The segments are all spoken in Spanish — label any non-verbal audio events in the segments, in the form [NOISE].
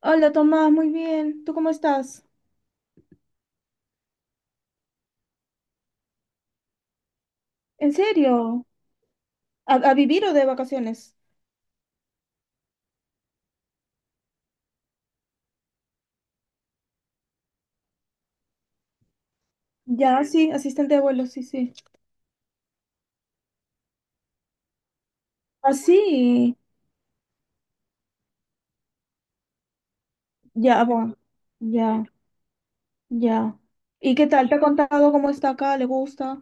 Hola Tomás, muy bien. ¿Tú cómo estás? ¿En serio? ¿A vivir o de vacaciones? Ya, sí, asistente de vuelo, sí, sí. Así, ya, bueno, ya, ya. ¿Y qué tal? ¿Te ha contado cómo está acá? ¿Le gusta?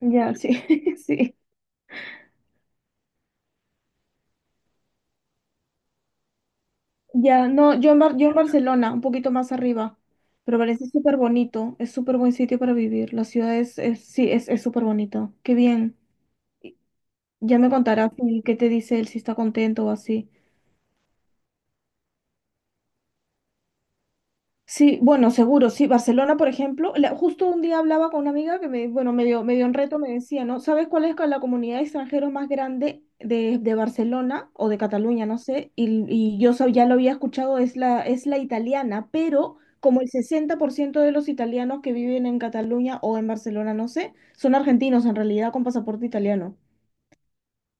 Ya, sí, [LAUGHS] sí. Ya, no, yo en Barcelona, un poquito más arriba, pero parece súper bonito, es súper buen sitio para vivir, la ciudad sí, es súper bonito, qué bien. Y Ya me contarás qué te dice él, si está contento o así. Sí, bueno, seguro, sí. Barcelona, por ejemplo, justo un día hablaba con una amiga que me, bueno, medio, medio en reto me decía, ¿no? ¿Sabes cuál es la comunidad de extranjeros más grande de Barcelona o de Cataluña? No sé. Y ya lo había escuchado, es la italiana, pero como el 60% de los italianos que viven en Cataluña o en Barcelona, no sé, son argentinos en realidad con pasaporte italiano.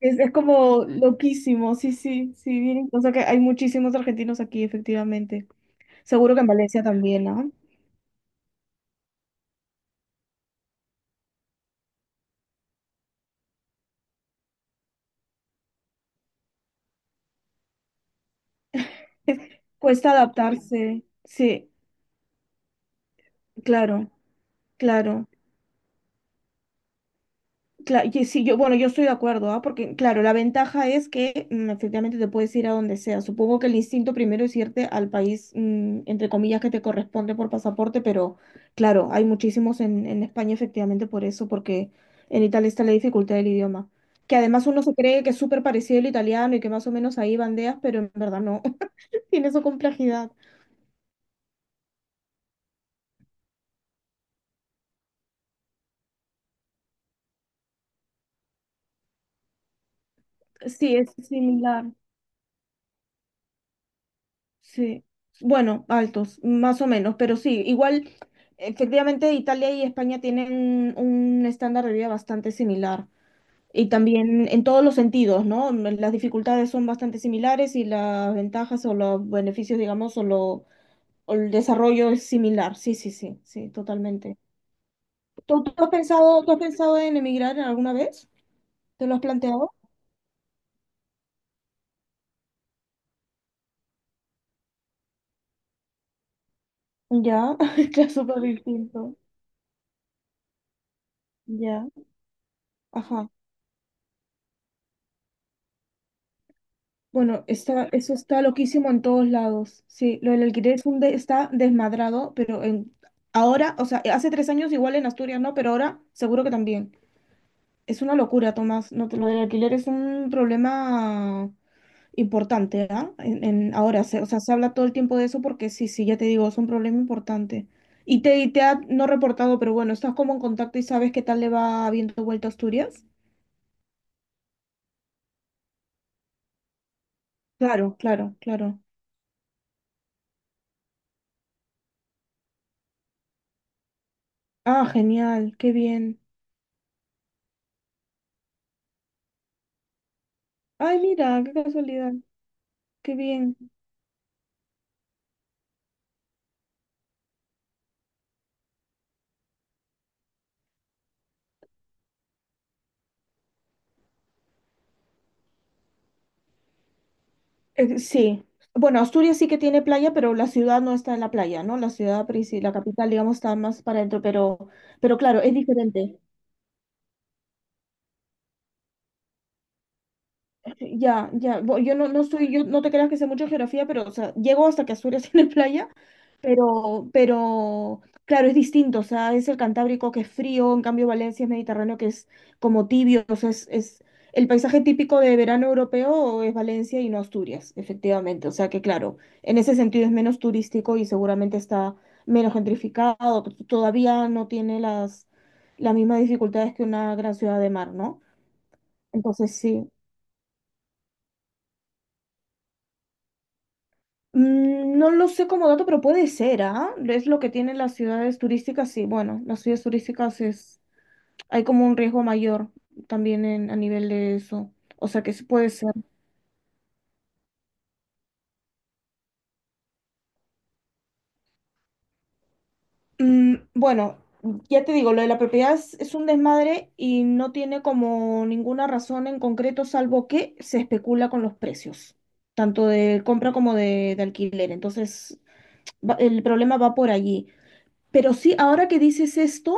Es como loquísimo, sí, sí, sí, bien. O sea que hay muchísimos argentinos aquí, efectivamente. Seguro que en Valencia también, ¿ah? Cuesta adaptarse, sí, claro, claro. Y sí, bueno, yo estoy de acuerdo, ¿ah? Porque, claro, la ventaja es que efectivamente te puedes ir a donde sea. Supongo que el instinto primero es irte al país, entre comillas, que te corresponde por pasaporte, pero claro, hay muchísimos en España efectivamente por eso, porque en Italia está la dificultad del idioma. Que además uno se cree que es súper parecido al italiano y que más o menos ahí bandeas, pero en verdad no. [LAUGHS] Tiene su complejidad. Sí, es similar. Sí, bueno, altos, más o menos, pero sí, igual, efectivamente, Italia y España tienen un estándar de vida bastante similar. Y también en todos los sentidos, ¿no? Las dificultades son bastante similares y las ventajas o los beneficios, digamos, o el desarrollo es similar. Sí, sí, sí, sí, totalmente. ¿Tú has pensado en emigrar alguna vez? ¿Te lo has planteado? Ya, [LAUGHS] claro, súper distinto. Ya, ajá. Bueno, eso está loquísimo en todos lados. Sí, lo del alquiler es está desmadrado, pero ahora, o sea, hace 3 años igual en Asturias no, pero ahora seguro que también. Es una locura, Tomás. No, lo del alquiler es un problema importante, ¿ah? Ahora, o sea, se habla todo el tiempo de eso porque sí, sí, ya te digo, es un problema importante. Y te ha no reportado, pero bueno, estás como en contacto y sabes qué tal le va habiendo vuelta a Asturias. Claro, claro, claro. Ah, genial, qué bien. Ay, mira, qué casualidad. Qué bien. Sí. Bueno, Asturias sí que tiene playa, pero la ciudad no está en la playa, ¿no? La ciudad, la capital, digamos, está más para adentro, pero, claro, es diferente. Ya, ya. Yo no soy, yo no te creas que sé mucho de geografía, pero o sea, llego hasta que Asturias [LAUGHS] tiene playa. Pero, claro, es distinto, o sea, es el Cantábrico que es frío, en cambio Valencia es Mediterráneo que es como tibio, o sea, es el paisaje típico de verano europeo es Valencia y no Asturias, efectivamente, o sea que claro, en ese sentido es menos turístico y seguramente está menos gentrificado, todavía no tiene las mismas dificultades que una gran ciudad de mar, ¿no? Entonces sí. No lo sé como dato, pero puede ser, ¿ah? Es lo que tienen las ciudades turísticas, sí. Bueno, las ciudades turísticas es hay como un riesgo mayor también a nivel de eso. O sea que sí puede ser. Bueno, ya te digo, lo de la propiedad es un desmadre y no tiene como ninguna razón en concreto, salvo que se especula con los precios, tanto de compra como de alquiler. Entonces, el problema va por allí. Pero sí, ahora que dices esto.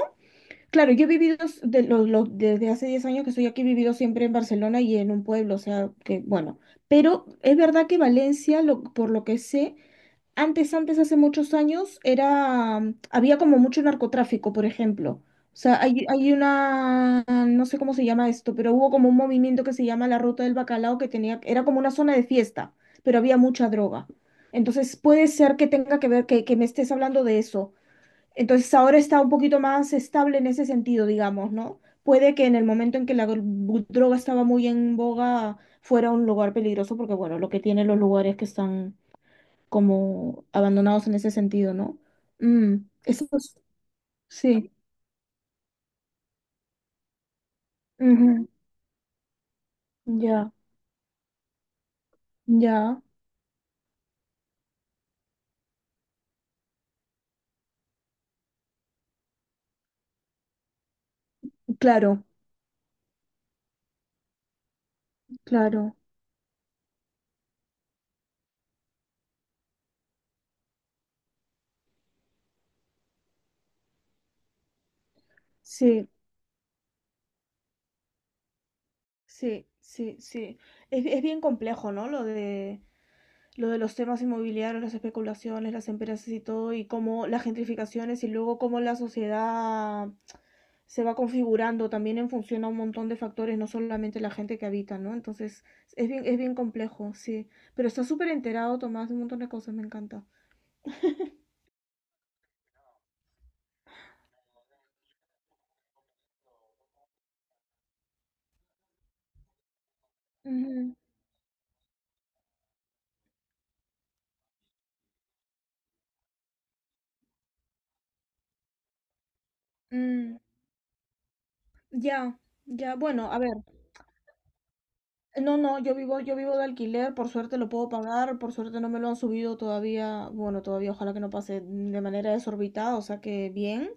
Claro, yo he vivido desde hace 10 años que estoy aquí, he vivido siempre en Barcelona y en un pueblo, o sea, que bueno, pero es verdad que Valencia, por lo que sé, antes, antes, hace muchos años, había como mucho narcotráfico, por ejemplo. O sea, hay una, no sé cómo se llama esto, pero hubo como un movimiento que se llama la Ruta del Bacalao que era como una zona de fiesta, pero había mucha droga. Entonces puede ser que tenga que ver, que me estés hablando de eso, entonces ahora está un poquito más estable en ese sentido, digamos, ¿no? Puede que en el momento en que la droga estaba muy en boga fuera un lugar peligroso, porque bueno, lo que tienen los lugares que están como abandonados en ese sentido, ¿no? Mm, eso es- sí. Ujú, ya, ya. claro, claro. Sí, sí, sí, sí. Es bien complejo, ¿no? Lo de los temas inmobiliarios, las especulaciones, las empresas y todo, y cómo las gentrificaciones y luego cómo la sociedad se va configurando también en función a un montón de factores, no solamente la gente que habita, ¿no? Entonces, es bien complejo, sí. Pero está súper enterado, Tomás, de un montón de cosas, me encanta. Ujú. Mm, ya, ya, bueno, a ver, no, yo vivo de alquiler, por suerte lo puedo pagar, por suerte no me lo han subido todavía, bueno, todavía ojalá que no pase de manera desorbitada, o sea que bien.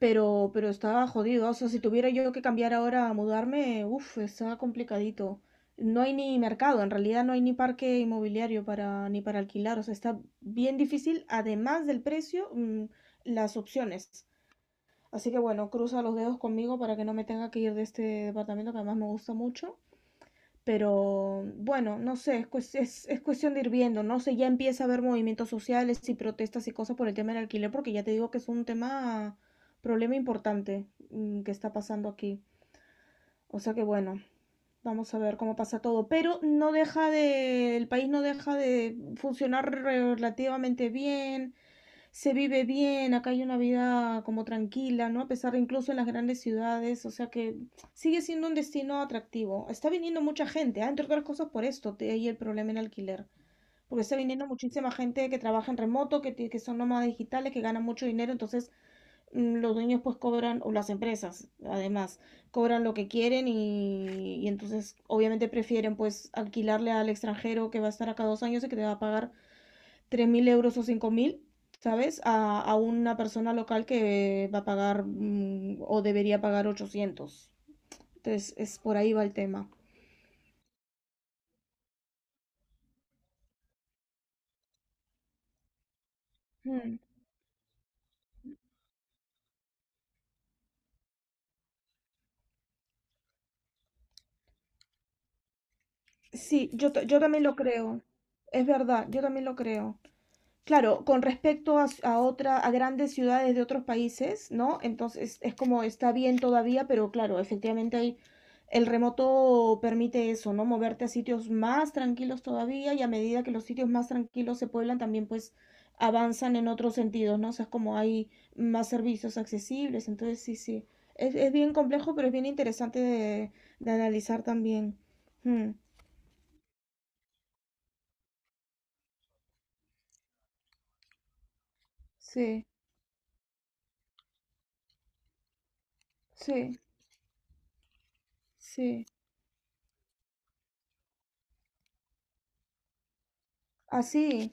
Pero estaba jodido. O sea, si tuviera yo que cambiar ahora a mudarme, uff, está complicadito. No hay ni mercado, en realidad no hay ni parque inmobiliario para, ni para alquilar. O sea, está bien difícil, además del precio, las opciones. Así que bueno, cruza los dedos conmigo para que no me tenga que ir de este departamento que además me gusta mucho. Pero bueno, no sé, es cuestión de ir viendo, no sé, ya empieza a haber movimientos sociales y protestas y cosas por el tema del alquiler, porque ya te digo que es un problema importante que está pasando aquí. O sea que bueno, vamos a ver cómo pasa todo, pero no deja de, el país no deja de funcionar relativamente bien, se vive bien, acá hay una vida como tranquila, ¿no? A pesar de incluso en las grandes ciudades, o sea que sigue siendo un destino atractivo. Está viniendo mucha gente, entre otras cosas por esto, hay el problema en alquiler, porque está viniendo muchísima gente que trabaja en remoto, que son nómadas digitales, que ganan mucho dinero, entonces los dueños pues cobran, o las empresas además, cobran lo que quieren y entonces obviamente prefieren pues alquilarle al extranjero que va a estar acá 2 años y que te va a pagar 3.000 euros o 5.000, ¿sabes? A una persona local que va a pagar o debería pagar 800. Entonces, es por ahí va el tema. Mm. Sí, yo también lo creo. Es verdad, yo también lo creo. Claro, con respecto a, s- a otra, a grandes ciudades de otros países, ¿no? Entonces es como está bien todavía, pero claro, efectivamente el remoto permite eso, ¿no? Moverte a sitios más tranquilos todavía y a medida que los sitios más tranquilos se pueblan, también pues avanzan en otros sentidos, ¿no? O sea, es como hay más servicios accesibles, entonces sí, sí. Es bien complejo, pero es bien interesante de analizar también. Mm, sí, sí, sí. Así.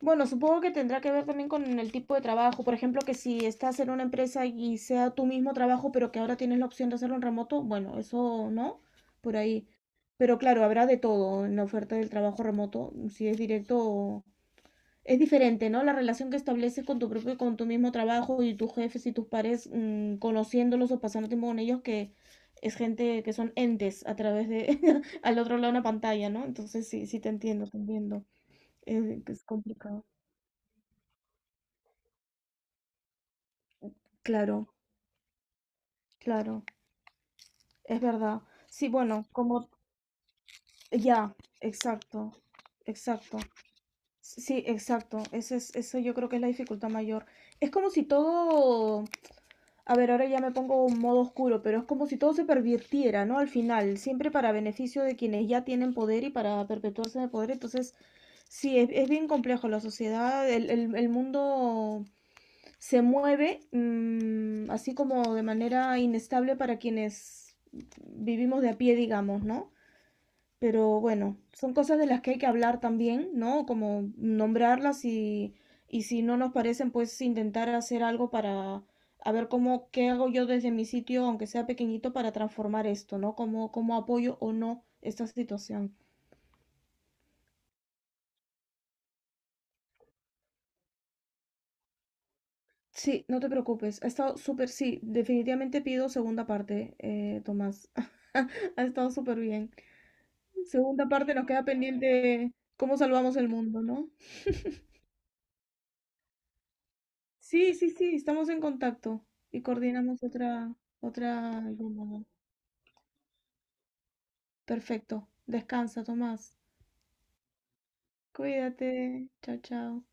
Bueno, supongo que tendrá que ver también con el tipo de trabajo. Por ejemplo, que si estás en una empresa y sea tu mismo trabajo, pero que ahora tienes la opción de hacerlo en remoto, bueno, eso no, por ahí. Pero claro, habrá de todo en la oferta del trabajo remoto, si es directo. Es diferente, ¿no? La relación que estableces con tu propio, con tu mismo trabajo y tus jefes y tus pares, conociéndolos o pasando tiempo con ellos, que es gente que son entes a través de, [LAUGHS] al otro lado de una pantalla, ¿no? Entonces sí, sí te entiendo, te entiendo. Es, es complicado. Claro. Claro, es verdad. Sí, bueno, como ya, exacto, exacto. Sí, exacto. Eso yo creo que es la dificultad mayor. Es como si todo, a ver, ahora ya me pongo en modo oscuro, pero es como si todo se pervirtiera, ¿no? Al final, siempre para beneficio de quienes ya tienen poder y para perpetuarse en el poder. Entonces, sí, es bien complejo la sociedad, el mundo se mueve así como de manera inestable para quienes vivimos de a pie, digamos, ¿no? Pero bueno, son cosas de las que hay que hablar también, ¿no? Como nombrarlas y si no nos parecen, pues intentar hacer algo para a ver cómo, qué hago yo desde mi sitio, aunque sea pequeñito, para transformar esto, ¿no? Cómo apoyo o no esta situación. Sí, no te preocupes. Ha estado súper, sí, definitivamente pido segunda parte, Tomás. [LAUGHS] Ha estado súper bien. Segunda parte nos queda pendiente cómo salvamos el mundo, ¿no? Sí, sí, sí, estamos en contacto y coordinamos otra llamada. Perfecto. Descansa, Tomás. Cuídate. Chao, chao.